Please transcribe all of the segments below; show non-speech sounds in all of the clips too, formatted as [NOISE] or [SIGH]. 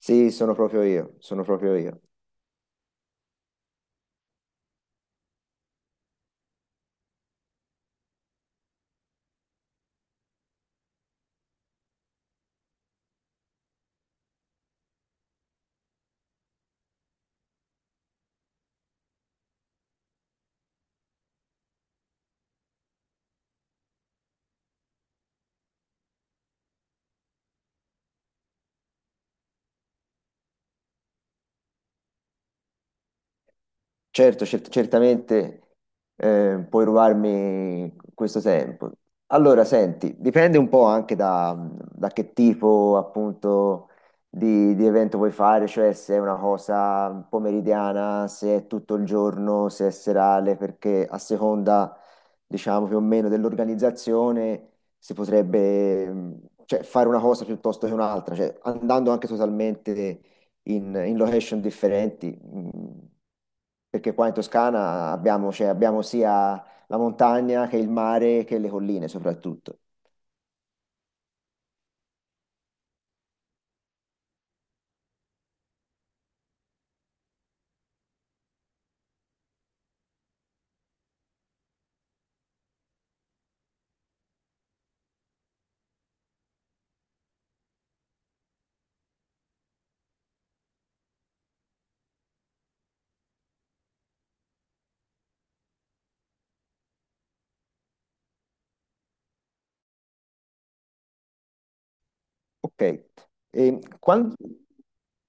Sì, sono proprio io, sono proprio io. Certo, certamente puoi rubarmi questo tempo. Allora, senti, dipende un po' anche da che tipo appunto di evento vuoi fare, cioè se è una cosa pomeridiana, se è tutto il giorno, se è serale, perché a seconda, diciamo, più o meno dell'organizzazione si potrebbe cioè, fare una cosa piuttosto che un'altra, cioè andando anche totalmente in location differenti, perché qua in Toscana abbiamo, cioè, abbiamo sia la montagna che il mare che le colline soprattutto. Ok. E quan-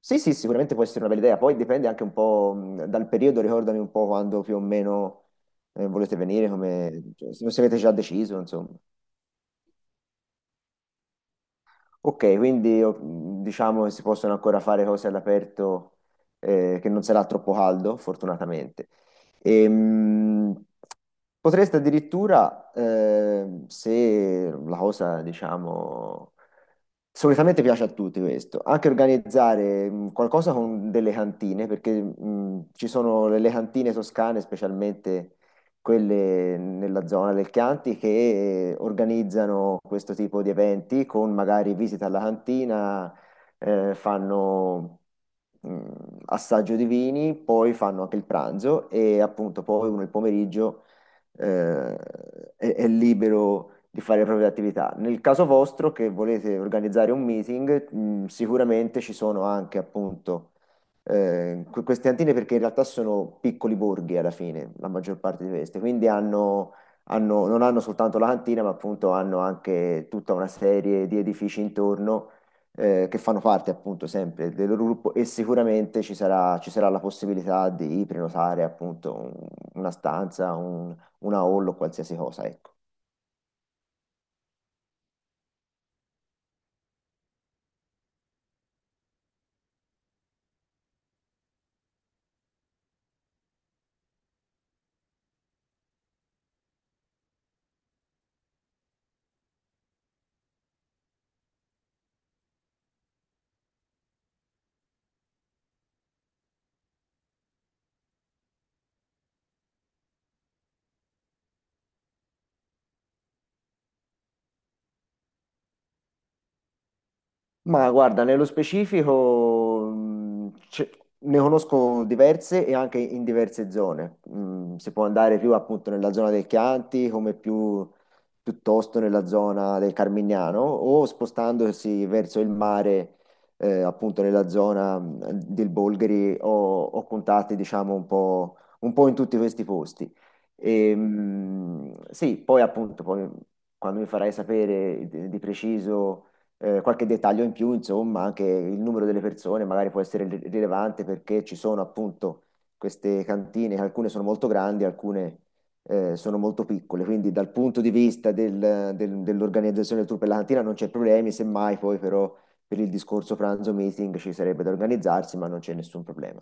Sì, sì, sicuramente può essere una bella idea, poi dipende anche un po' dal periodo, ricordami un po' quando più o meno volete venire, cioè, se avete già deciso, insomma. Ok, quindi io, diciamo che si possono ancora fare cose all'aperto, che non sarà troppo caldo, fortunatamente. Ehm, Potreste addirittura, se la cosa, diciamo, solitamente piace a tutti questo, anche organizzare qualcosa con delle cantine, perché ci sono le cantine toscane, specialmente quelle nella zona del Chianti, che organizzano questo tipo di eventi con magari visita alla cantina, fanno mh, assaggio di vini, poi fanno anche il pranzo e appunto poi uno il pomeriggio eh, è libero di fare le proprie attività. Nel caso vostro, che volete organizzare un meeting, sicuramente ci sono anche appunto que- queste antine perché in realtà sono piccoli borghi alla fine, la maggior parte di queste, quindi hanno, hanno- non hanno soltanto la cantina, ma appunto hanno anche tutta una serie di edifici intorno. Che fanno parte appunto sempre del loro gruppo e sicuramente ci sarà la possibilità di prenotare appunto un- una stanza, un una haul o qualsiasi cosa, ecco. Ma guarda, nello specifico ce- ne conosco diverse e anche in diverse zone. Mm, si può andare più appunto nella zona del Chianti, come più piuttosto nella zona del Carmignano, o spostandosi verso il mare, appunto nella zona del Bolgheri, ho, ho contatti, diciamo, un po' in tutti questi posti. E, sì, poi appunto, poi, quando mi farai sapere di preciso qualche dettaglio in più, insomma, anche il numero delle persone magari può essere ri- rilevante perché ci sono appunto queste cantine, alcune sono molto grandi, alcune sono molto piccole, quindi dal punto di vista del- del- dell'organizzazione del tour per la cantina non c'è problemi, semmai poi però per il discorso pranzo meeting ci sarebbe da organizzarsi, ma non c'è nessun problema.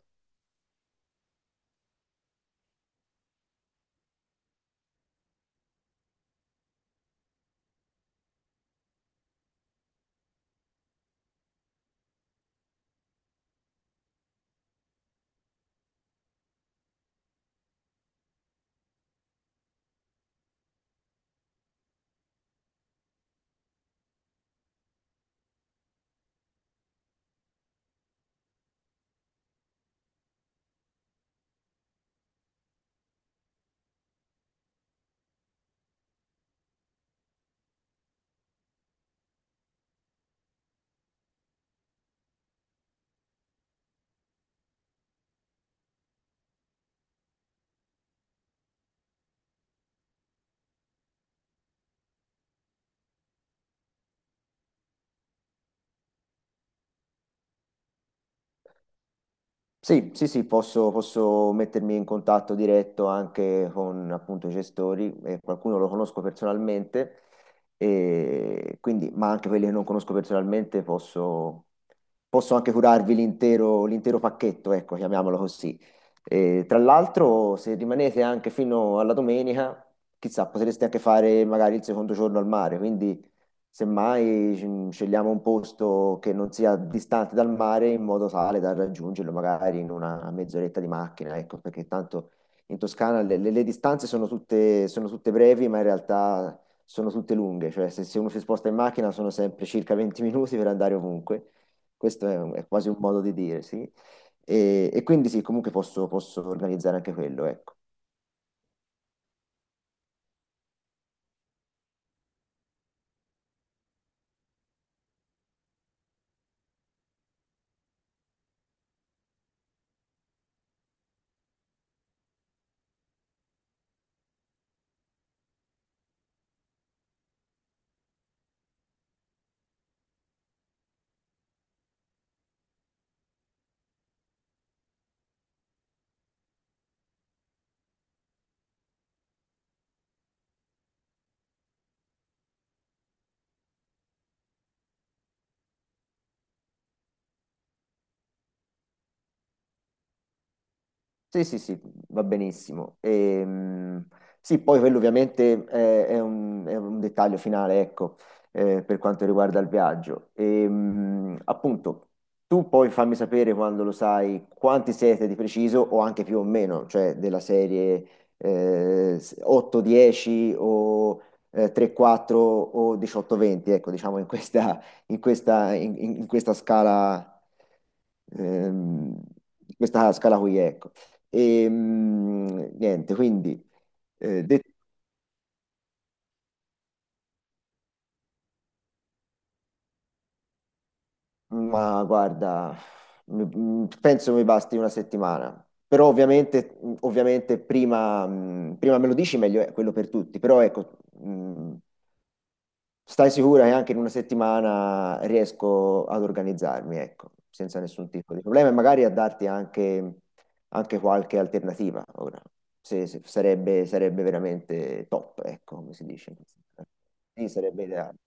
Sì, sì, sì, posso, posso mettermi in contatto diretto anche con appunto i gestori, qualcuno lo conosco personalmente, e quindi, ma anche quelli che non conosco personalmente posso, posso anche curarvi l'intero l'intero pacchetto, ecco, chiamiamolo così. E, tra l'altro, se rimanete anche fino alla domenica, chissà, potreste anche fare magari il secondo giorno al mare, quindi Semmai mm, scegliamo un posto che non sia distante dal mare in modo tale da raggiungerlo magari in una mezz'oretta di macchina, ecco, perché tanto in Toscana le distanze sono tutte brevi, ma in realtà sono tutte lunghe, cioè se, se uno si sposta in macchina sono sempre circa 20 [LAUGHS] minuti per andare ovunque, questo è, un- è quasi un modo di dire, sì. E quindi sì, comunque posso, posso organizzare anche quello, ecco. Sì, sì, sì, va benissimo. Sì, poi quello ovviamente è un, "è". Un dettaglio finale, ecco, per quanto riguarda il viaggio. Appunto, tu poi fammi sapere quando lo sai quanti siete di preciso o anche più o meno, cioè della serie 8-10 o 3-4 o 18-20, ecco, diciamo in questa, in questa, in in- ehm, in questa scala qui, ecco. E niente, quindi detto, ma guarda, mi- penso mi basti una settimana. Però ovviamente, ovviamente prima, prima me lo dici meglio è quello per tutti. Però ecco, stai sicura che anche in una settimana riesco ad organizzarmi, ecco, senza nessun tipo di problema e magari a darti anche, anche qualche alternativa ora. Se, se- sarebbe, sarebbe veramente top, ecco, come si dice. Sì, sarebbe ideale.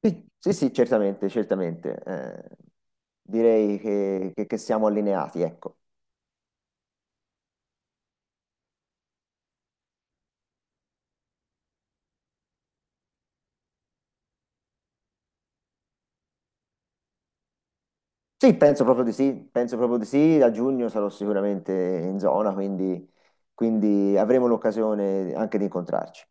Sì, sì, sì, certamente, certamente. Direi che siamo allineati, ecco. Sì, penso proprio di sì, penso proprio di sì. A giugno sarò sicuramente in zona, quindi, quindi avremo l'occasione anche di incontrarci.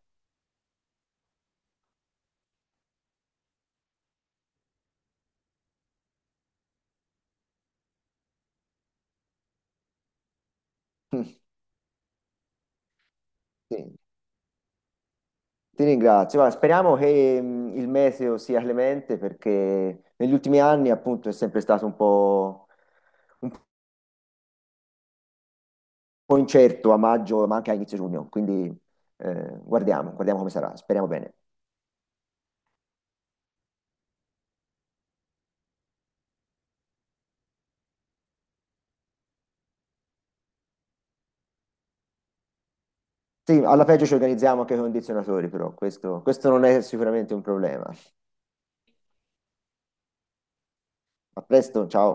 [LAUGHS] Sì, Ti ringrazio. Guarda, speriamo che il meteo sia clemente perché negli ultimi anni appunto è sempre stato un po' incerto a maggio, ma anche a inizio giugno. Quindi guardiamo, guardiamo come sarà. Speriamo bene. Sì, alla peggio ci organizziamo anche con i condizionatori, però questo non è sicuramente un problema. A presto, ciao.